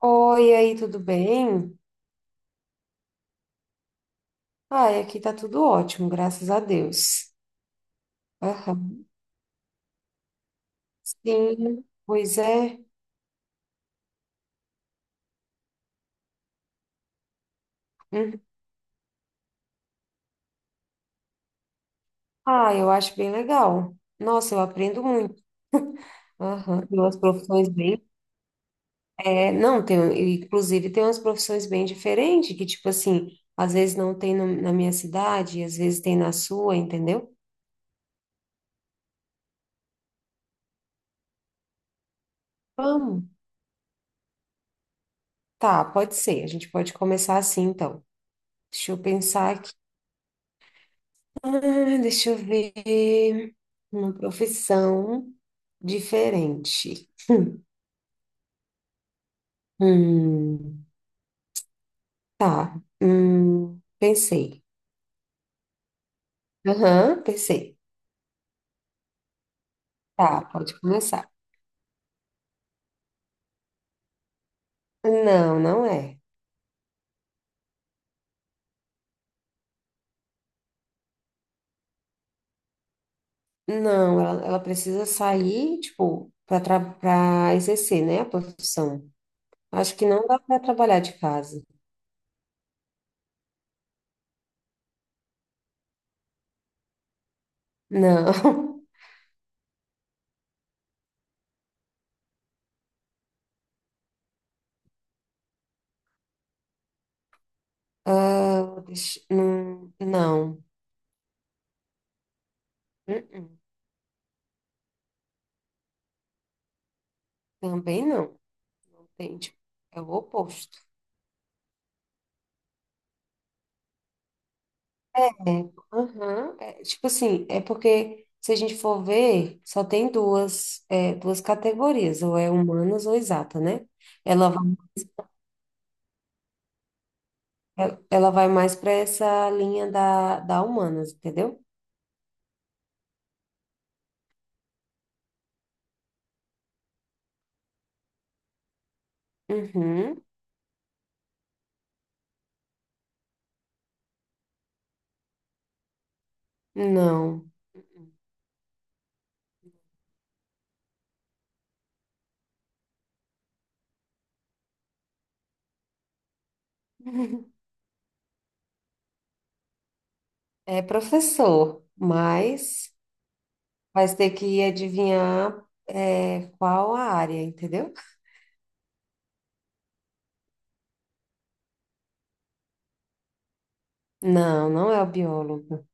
Oi, e aí, tudo bem? Ai, aqui tá tudo ótimo, graças a Deus. Aham. Sim, pois é. Uhum. Ah, eu acho bem legal. Nossa, eu aprendo muito. Aham. Tem umas profissões bem. É, não, tem, inclusive tem umas profissões bem diferentes, que, tipo assim, às vezes não tem na minha cidade, às vezes tem na sua, entendeu? Vamos. Tá, pode ser. A gente pode começar assim, então. Deixa eu pensar. Ah, deixa eu ver. Uma profissão diferente. Hum, tá. Pensei. Aham, pensei. Tá, pode começar. Não, não é. Não, ela precisa sair, tipo, para exercer, né, a profissão. Acho que não dá para trabalhar de casa. Não. Ah, não. Uh-uh. Também não. Entende? É o oposto. É, Aham, tipo assim, é porque se a gente for ver, só tem duas, duas categorias, ou é humanas ou exata, né? Ela vai, ela vai mais para essa linha da humanas, entendeu? Uhum, não. É professor, mas vai ter que adivinhar, qual a área, entendeu? Não, não é o biólogo.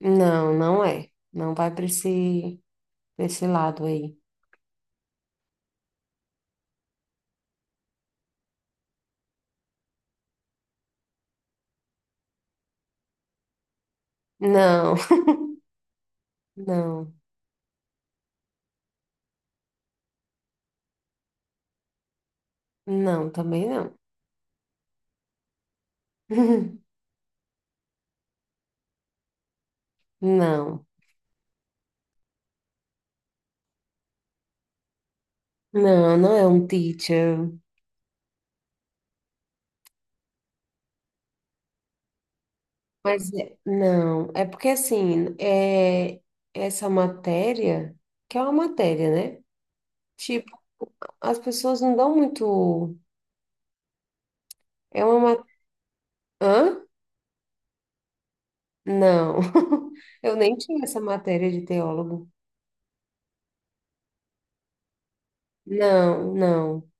Não, não é. Não vai para pra esse lado aí. Não. Não, não, também não. Não, não, não é um teacher. Mas não, é porque assim, é essa matéria, que é uma matéria, né? Tipo, as pessoas não dão muito. É uma matéria. Hã? Não, eu nem tinha essa matéria de teólogo. Não, não.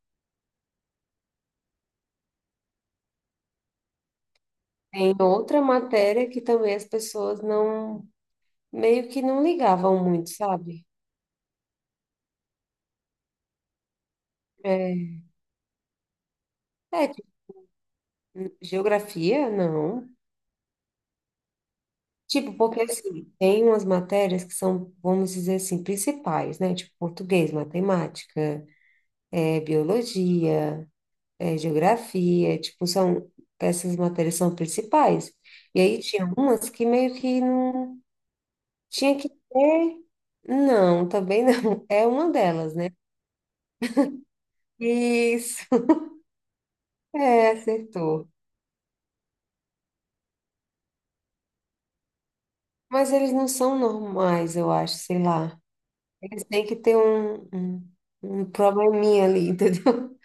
Tem outra matéria que também as pessoas não, meio que não ligavam muito, sabe? É, é, tipo, geografia? Não. Tipo, porque assim, tem umas matérias que são, vamos dizer assim, principais, né? Tipo, português, matemática, é biologia, é geografia, tipo, essas matérias são principais. E aí tinha umas que meio que não tinha que ter, não, também não, é uma delas, né? Isso, é, acertou. Mas eles não são normais, eu acho, sei lá. Eles têm que ter um probleminha ali, entendeu?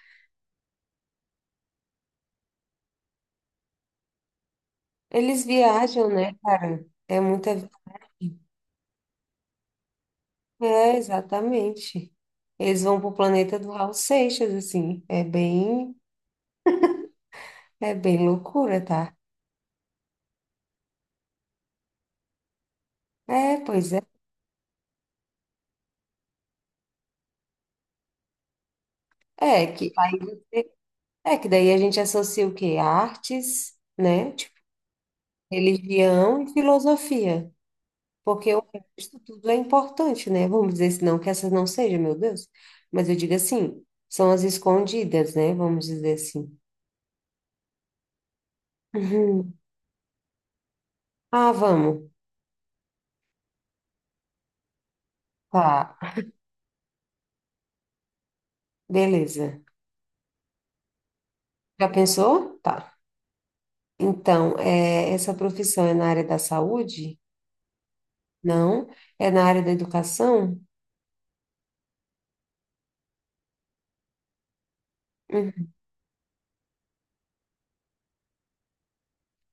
Eles viajam, né, cara? É muita viagem. É, exatamente. Eles vão pro planeta do Raul Seixas, assim. É bem loucura, tá? É, pois é. É que, é que daí a gente associa o quê? Artes, né? Tipo, religião e filosofia. Porque o resto tudo é importante, né? Vamos dizer, se não que essas não sejam, meu Deus. Mas eu digo assim, são as escondidas, né? Vamos dizer assim. Uhum. Ah, vamos. Tá, beleza. Já pensou? Tá. Então, é, essa profissão é na área da saúde? Não. É na área da educação? Uhum.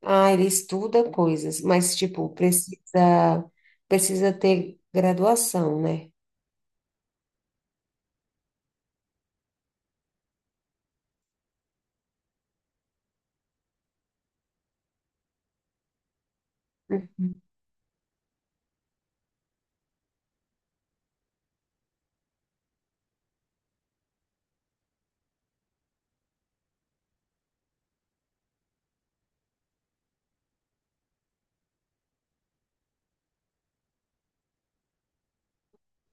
Ah, ele estuda coisas, mas, tipo, precisa ter graduação, né?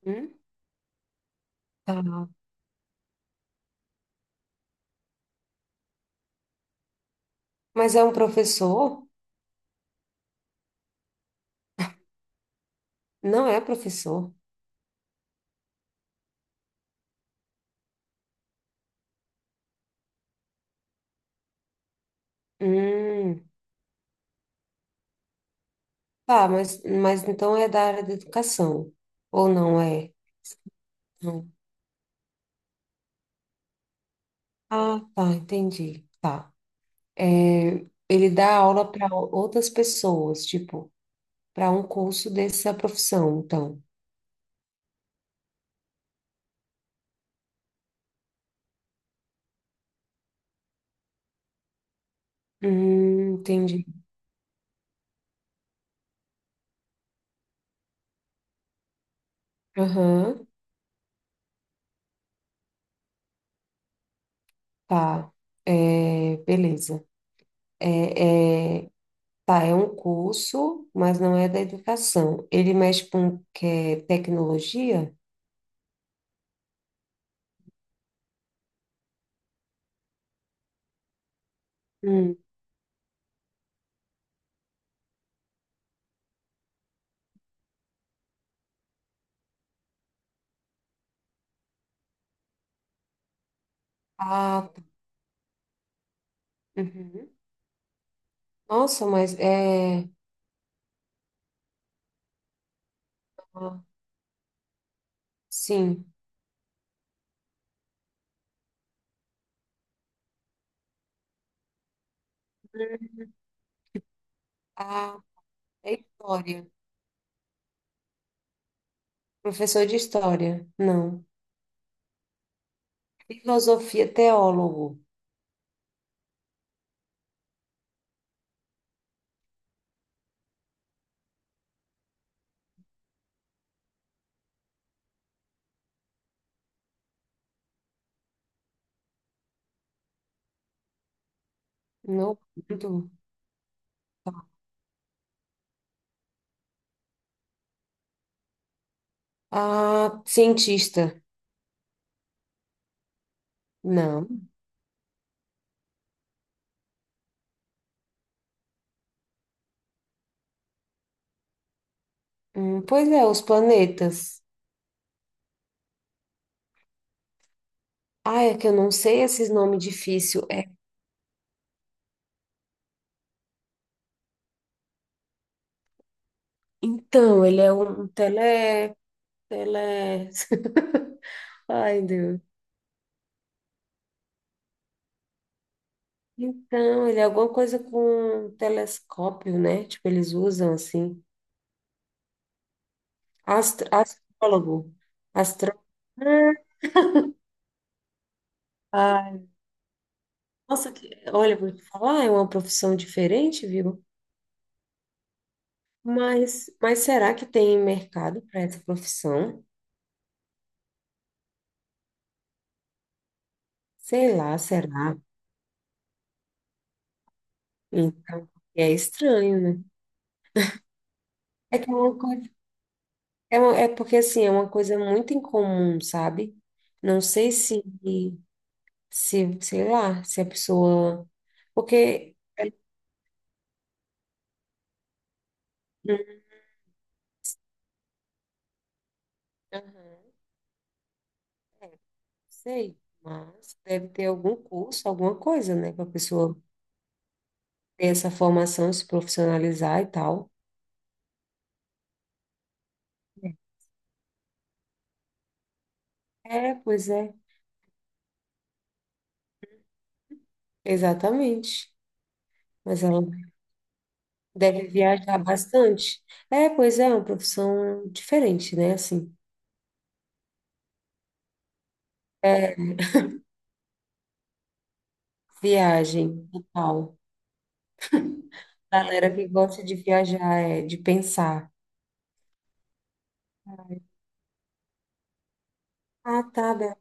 Uhum. Tá. Mas é um professor? Não é professor. Hum. Tá, mas então é da área da educação, ou não é? Não. Ah, tá, entendi. Tá. É, ele dá aula para outras pessoas, tipo. Para um curso dessa profissão, então. Entendi. Aham, tá. É, beleza. É, tá, é um curso, mas não é da educação. Ele mexe com que é tecnologia? Hum. Ah, tá. Uhum. Nossa, mas é. Ah, sim. Hum. Ah, é história. Professor de história. Não. Filosofia, teólogo. Não. Muito. Ah, cientista. Não. Pois é, os planetas. Ah, é que eu não sei esses nomes difíceis. É, então, ele é um tele... tele... Ai, Deus. Então, ele é alguma coisa com telescópio, né? Tipo, eles usam assim. Astro... Astrólogo. Astro... Ah, nossa, que... olha, vou te falar, é uma profissão diferente, viu? Mas será que tem mercado para essa profissão? Sei lá, será? Então, é estranho, né? É que é uma coisa, é porque assim, é uma coisa muito incomum, sabe? Não sei se, se, sei lá, se a pessoa. Porque. Aham, é, sei, mas deve ter algum curso, alguma coisa, né? Para a pessoa ter essa formação, se profissionalizar e tal. É, pois é, exatamente. Mas ela deve viajar bastante. É, pois é, é uma profissão diferente, né? Assim, é, viagem e tal. Galera que gosta de viajar, é, de pensar. Ah, tá, Bel.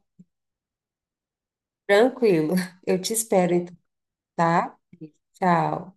Tranquilo. Eu te espero, então, tá? Tchau.